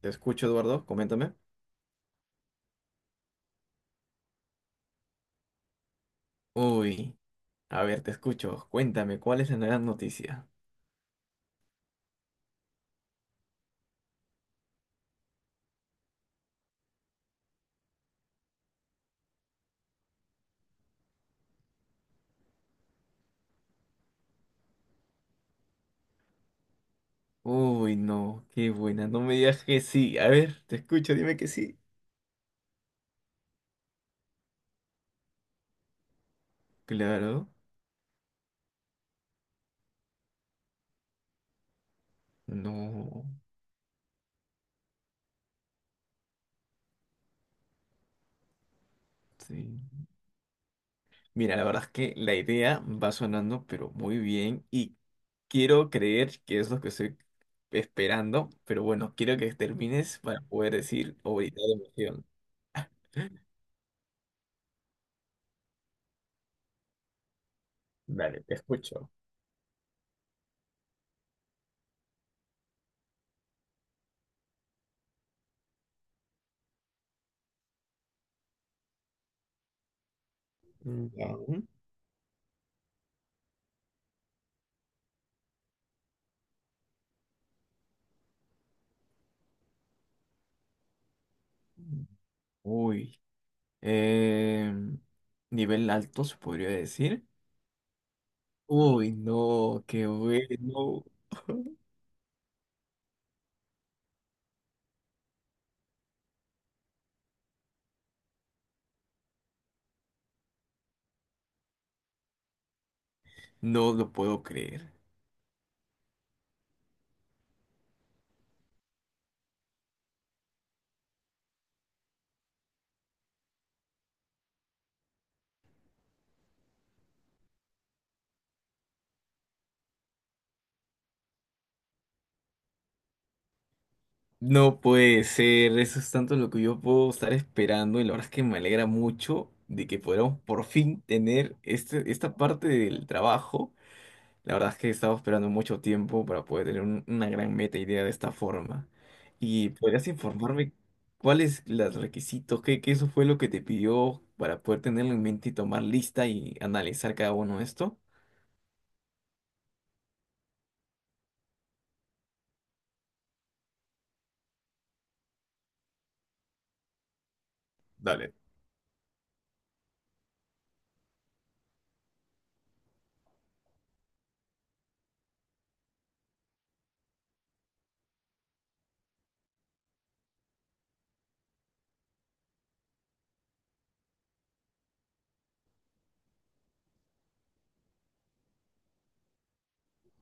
Te escucho, Eduardo, coméntame. Uy, a ver, te escucho. Cuéntame, ¿cuál es la gran noticia? Uy, no, qué buena. No me digas que sí. A ver, te escucho, dime que sí. Claro, no, sí. Mira, la verdad es que la idea va sonando, pero muy bien. Y quiero creer que es lo que estoy esperando. Pero bueno, quiero que termines para poder decir o gritar de emoción. Dale, te escucho. Ya. Uy. Eh, Nivel alto, se podría decir. Uy, no, qué bueno. No lo puedo creer. No puede ser, eso es tanto lo que yo puedo estar esperando y la verdad es que me alegra mucho de que podamos por fin tener esta parte del trabajo. La verdad es que he estado esperando mucho tiempo para poder tener una gran meta idea de esta forma. ¿Y podrías informarme cuáles los requisitos, qué eso fue lo que te pidió para poder tenerlo en mente y tomar lista y analizar cada uno de esto? Dale.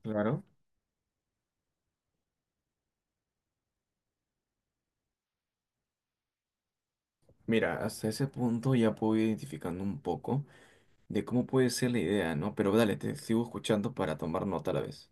Claro. Mira, hasta ese punto ya puedo ir identificando un poco de cómo puede ser la idea, ¿no? Pero dale, te sigo escuchando para tomar nota a la vez.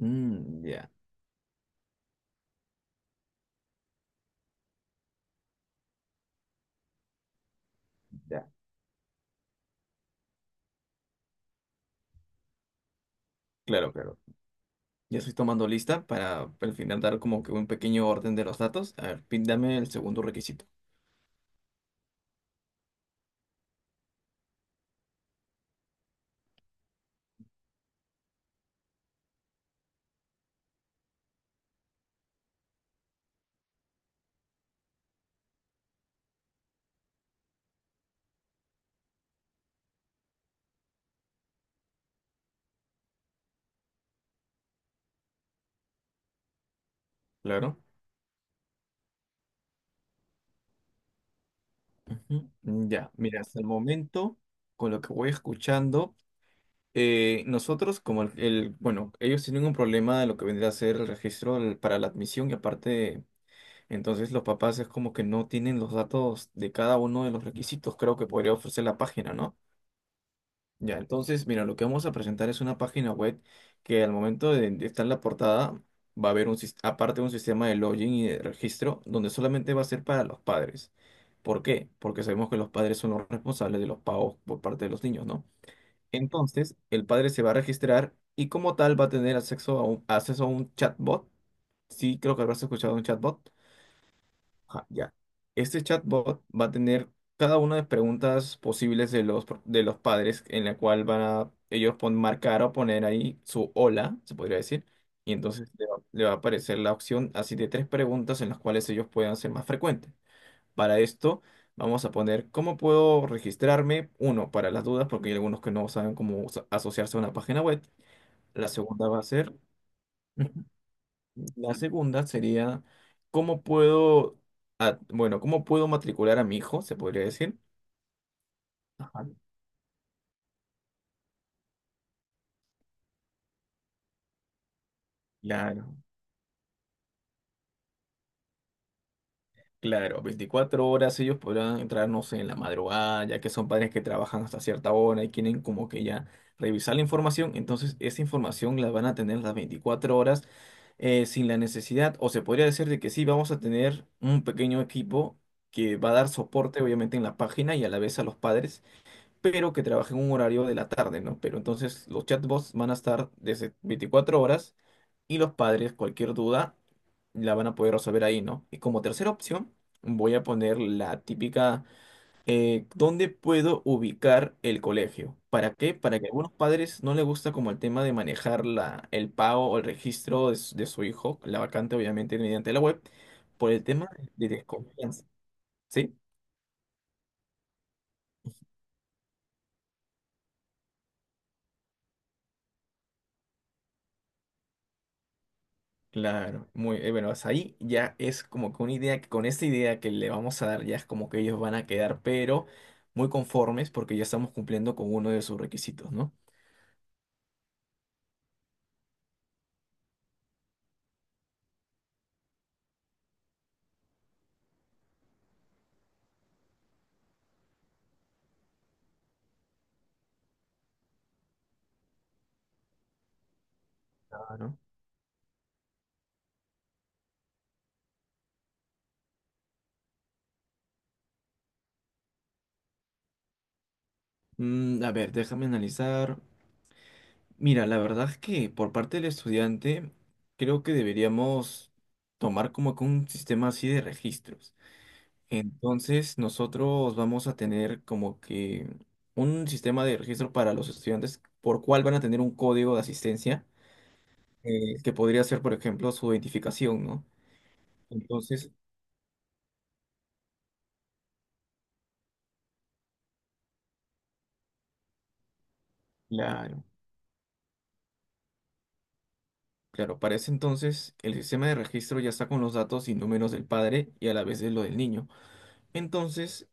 Mm, ya, ya. Claro, claro. Ya estoy tomando lista para al final dar como que un pequeño orden de los datos. A ver, dame el segundo requisito. Claro. Ujú. Mm, ya, mira, hasta el momento, con lo que voy escuchando, nosotros como bueno, ellos tienen un problema de lo que vendría a ser el para la admisión y aparte, entonces los papás es como que no tienen los datos de cada uno de los requisitos, creo que podría ofrecer la página, ¿no? Ya, entonces, mira, lo que vamos a presentar es una página web que al momento de estar en la portada va a haber aparte un sistema de login y de registro donde solamente va a ser para los padres. ¿Por qué? Porque sabemos que los padres son los responsables de los pagos por parte de los niños, ¿no? Entonces, el padre se va a registrar y como tal va a tener acceso a acceso a un chatbot. Sí, creo que habrás escuchado de un chatbot. Ah, ya. Este chatbot va a tener cada una de las preguntas posibles de de los padres en la cual van a marcar o poner ahí su hola, se podría decir, y entonces le va a aparecer la opción así de tres preguntas en las cuales ellos puedan ser más frecuentes. Para esto vamos a poner cómo puedo registrarme, uno, para las dudas, porque hay algunos que no saben asociarse a una página web. La segunda va a ser... La segunda sería, ¿cómo puedo, ah, bueno, ¿cómo puedo matricular a mi hijo, se podría decir? Ajá. Claro, claro, 24 horas ellos podrán entrar, no sé, en la madrugada, ya que son padres que trabajan hasta cierta hora y quieren como que ya revisar la información, entonces esa información la van a tener las 24 horas sin la necesidad, o se podría decir de que sí, vamos a tener un pequeño equipo que va a dar soporte obviamente en la página y a la vez a los padres pero que trabaje en un horario de la tarde, ¿no? Pero entonces los chatbots van a estar desde 24 horas y los padres, cualquier duda, la van a poder resolver ahí, ¿no? Y como tercera opción, voy a poner la típica, ¿dónde puedo ubicar el colegio? ¿Para qué? Para que a algunos padres no les gusta como el tema de manejar el pago o el registro de su hijo, la vacante obviamente mediante la web, por el tema de desconfianza, ¿sí? Claro, muy bueno, hasta ahí ya es como que una idea, que con esta idea que le vamos a dar ya es como que ellos van a quedar, pero muy conformes porque ya estamos cumpliendo con uno de sus requisitos, ¿no? Claro. Mm, a ver, déjame analizar. Mira, la verdad es que por parte del estudiante creo que deberíamos tomar como que un sistema así de registros. Entonces nosotros vamos a tener como que un sistema de registro para los estudiantes por cual van a tener un código de asistencia que podría ser, por ejemplo, su identificación, ¿no? Entonces, claro, claro, para ese entonces el sistema de registro ya está con los datos y números del padre y a la vez de lo del niño. Entonces,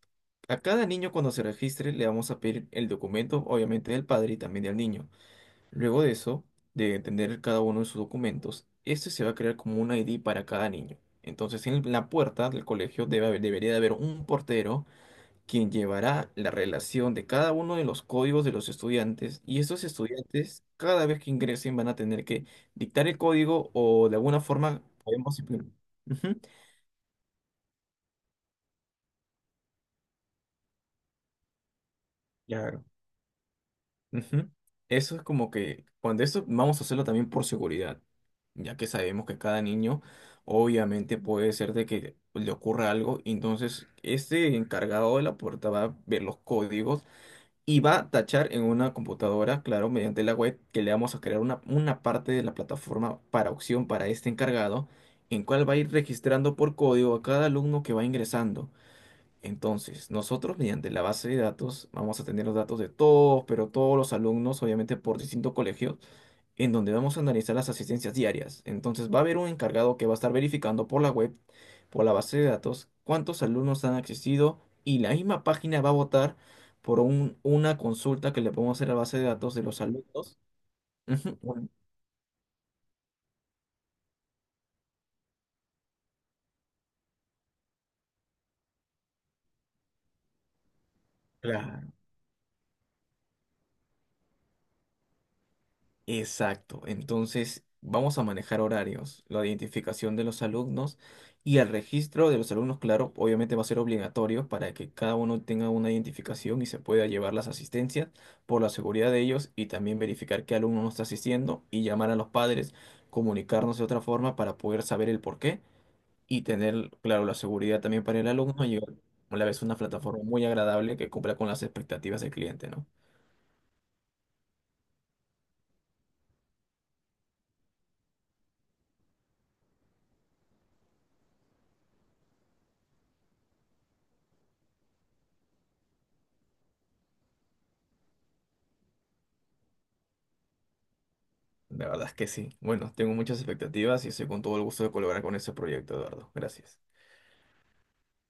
a cada niño cuando se registre le vamos a pedir el documento, obviamente del padre y también del niño. Luego de eso, de tener cada uno de sus documentos, este se va a crear como un ID para cada niño. Entonces, en la puerta del colegio debería de haber un portero quien llevará la relación de cada uno de los códigos de los estudiantes y estos estudiantes cada vez que ingresen van a tener que dictar el código o de alguna forma podemos implemen- Ujú, claro, ujú. Eso es como que cuando esto vamos a hacerlo también por seguridad, ya que sabemos que cada niño obviamente puede ser de que le ocurra algo, entonces este encargado de la puerta va a ver los códigos y va a tachar en una computadora, claro, mediante la web, que le vamos a crear una parte de la plataforma para opción para este encargado, en cual va a ir registrando por código a cada alumno que va ingresando. Entonces, nosotros mediante la base de datos vamos a tener los datos de todos, pero todos los alumnos, obviamente por distintos colegios, en donde vamos a analizar las asistencias diarias. Entonces va a haber un encargado que va a estar verificando por la web, por la base de datos, cuántos alumnos han asistido y la misma página va a votar por una consulta que le podemos hacer a la base de datos de los alumnos. Ujú, bueno, claro. Exacto. Entonces, vamos a manejar horarios, la identificación de los alumnos y el registro de los alumnos, claro, obviamente va a ser obligatorio para que cada uno tenga una identificación y se pueda llevar las asistencias por la seguridad de ellos y también verificar qué alumno no está asistiendo y llamar a los padres, comunicarnos de otra forma para poder saber el por qué y tener, claro, la seguridad también para el alumno y a la vez una plataforma muy agradable que cumpla con las expectativas del cliente, ¿no? La verdad es que sí. Bueno, tengo muchas expectativas y estoy con todo el gusto de colaborar con este proyecto, Eduardo. Gracias.